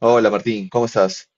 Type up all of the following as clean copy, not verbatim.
Hola Martín, ¿cómo estás?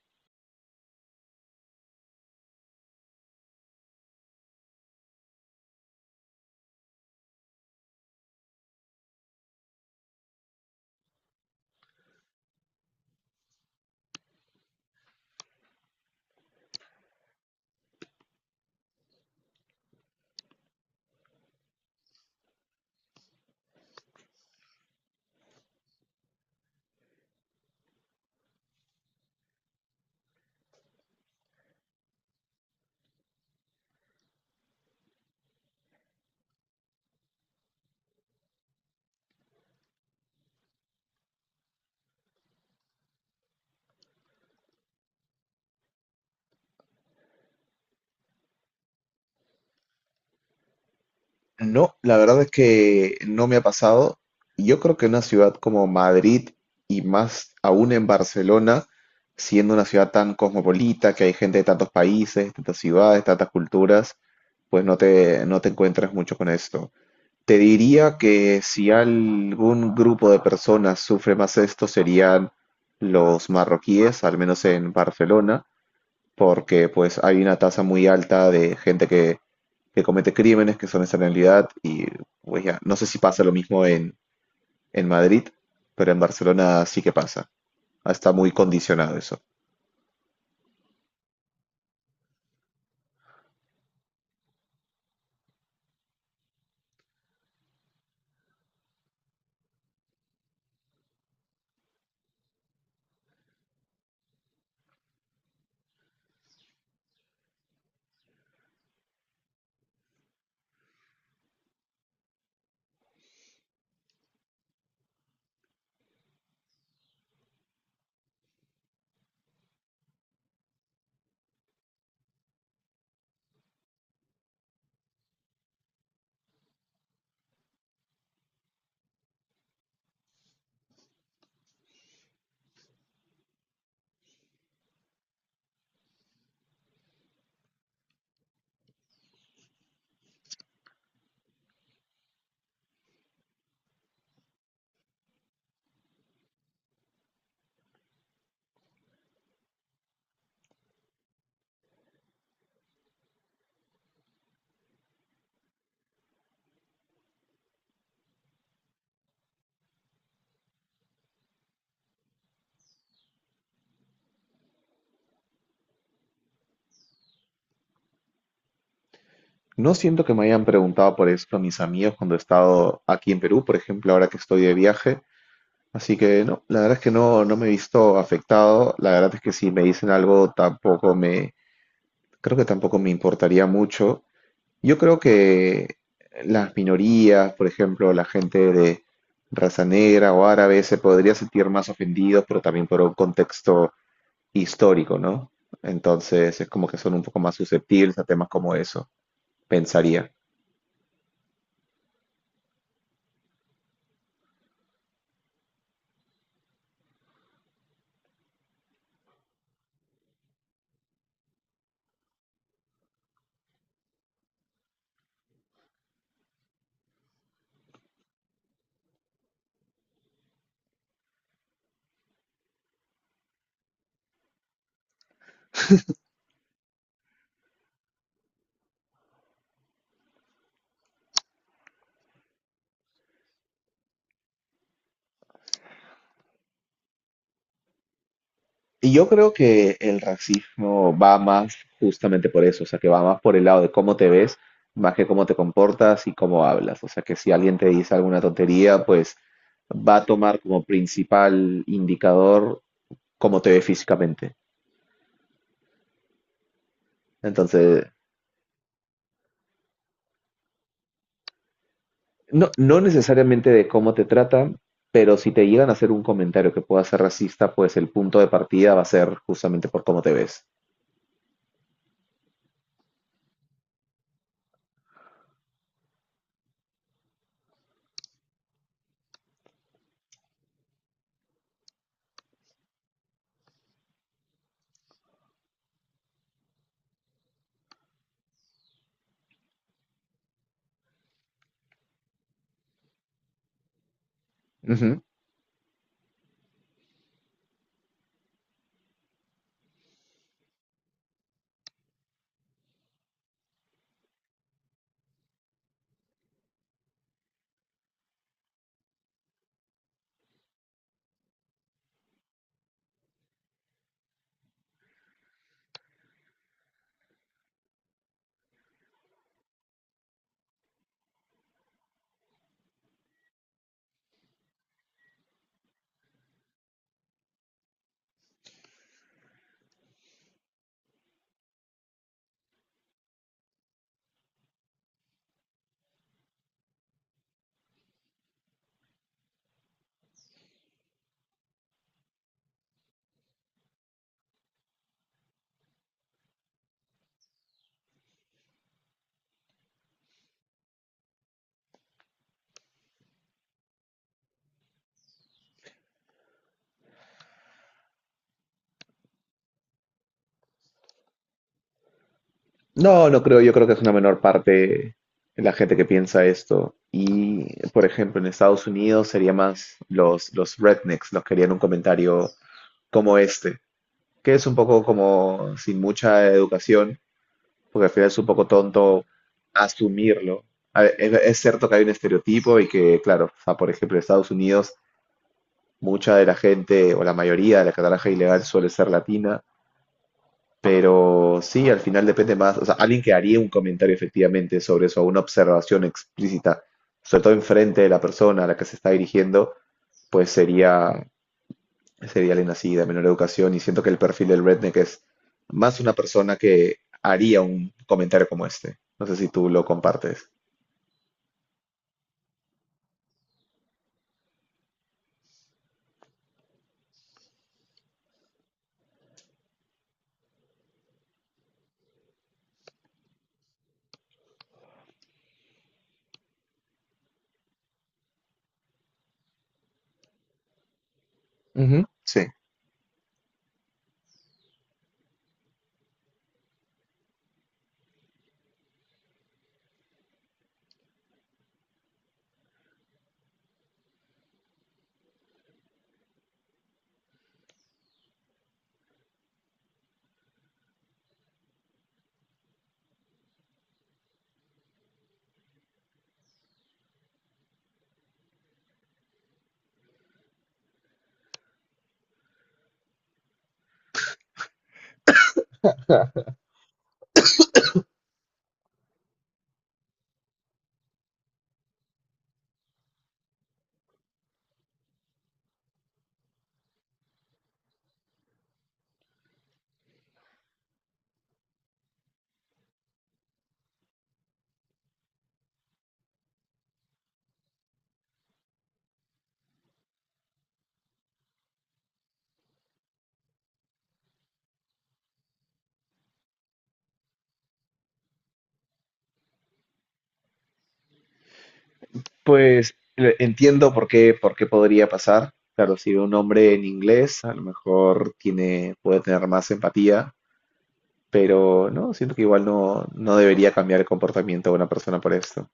No, la verdad es que no me ha pasado. Yo creo que en una ciudad como Madrid y más aún en Barcelona, siendo una ciudad tan cosmopolita, que hay gente de tantos países, tantas ciudades, tantas culturas, pues no te encuentras mucho con esto. Te diría que si algún grupo de personas sufre más esto serían los marroquíes, al menos en Barcelona, porque pues hay una tasa muy alta de gente que comete crímenes que son esa realidad y pues ya, no sé si pasa lo mismo en Madrid, pero en Barcelona sí que pasa. Ah, está muy condicionado eso. No siento que me hayan preguntado por esto mis amigos cuando he estado aquí en Perú, por ejemplo, ahora que estoy de viaje. Así que no, la verdad es que no, no me he visto afectado. La verdad es que si me dicen algo, tampoco me, creo que tampoco me importaría mucho. Yo creo que las minorías, por ejemplo, la gente de raza negra o árabe se podría sentir más ofendidos, pero también por un contexto histórico, ¿no? Entonces es como que son un poco más susceptibles a temas como eso, pensaría. Y yo creo que el racismo va más justamente por eso, o sea, que va más por el lado de cómo te ves, más que cómo te comportas y cómo hablas. O sea, que si alguien te dice alguna tontería, pues va a tomar como principal indicador cómo te ve físicamente. Entonces, no, no necesariamente de cómo te tratan, pero si te llegan a hacer un comentario que pueda ser racista, pues el punto de partida va a ser justamente por cómo te ves. Ujú. No, no creo, yo creo que es una menor parte la gente que piensa esto. Y, por ejemplo, en Estados Unidos sería más los rednecks, los que harían un comentario como este, que es un poco como sin mucha educación, porque al final es un poco tonto asumirlo. A ver, es cierto que hay un estereotipo y que, claro, o sea, por ejemplo, en Estados Unidos, mucha de la gente o la mayoría de la que trabaja ilegal suele ser latina, pero sí, al final depende más, o sea, alguien que haría un comentario efectivamente sobre eso, una observación explícita, sobre todo enfrente de la persona a la que se está dirigiendo, pues sería alguien así de menor educación y siento que el perfil del redneck es más una persona que haría un comentario como este. No sé si tú lo compartes. Ujú. Sí. Entiendo por qué podría pasar. Claro, si ve un hombre en inglés, a lo mejor tiene, puede tener más empatía, pero no, siento que igual no, no debería cambiar el comportamiento de una persona por esto.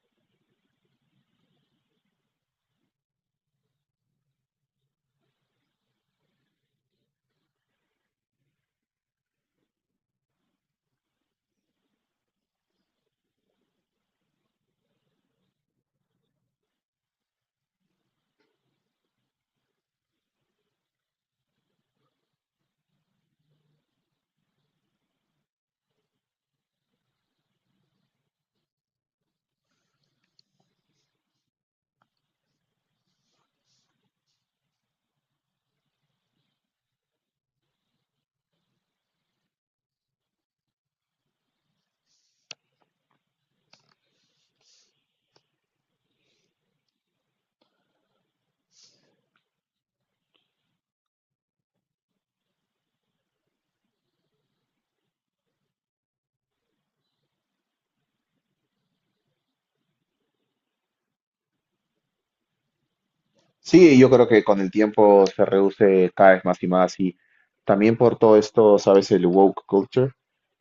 Sí, yo creo que con el tiempo se reduce cada vez más y más y también por todo esto, ¿sabes? El woke culture.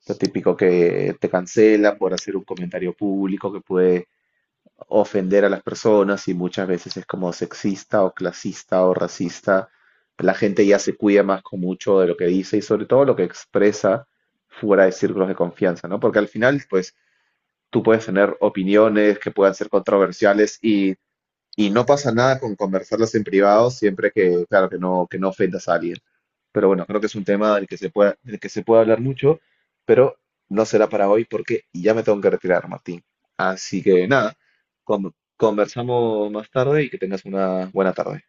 Lo típico que te cancela por hacer un comentario público que puede ofender a las personas y muchas veces es como sexista o clasista o racista. La gente ya se cuida más con mucho de lo que dice y sobre todo lo que expresa fuera de círculos de confianza, ¿no? Porque al final, pues, tú puedes tener opiniones que puedan ser controversiales y no pasa nada con conversarlas en privado siempre que, claro, que no ofendas a alguien. Pero bueno, creo que es un tema del que se puede hablar mucho, pero no será para hoy porque ya me tengo que retirar, Martín. Así que nada, conversamos más tarde y que tengas una buena tarde.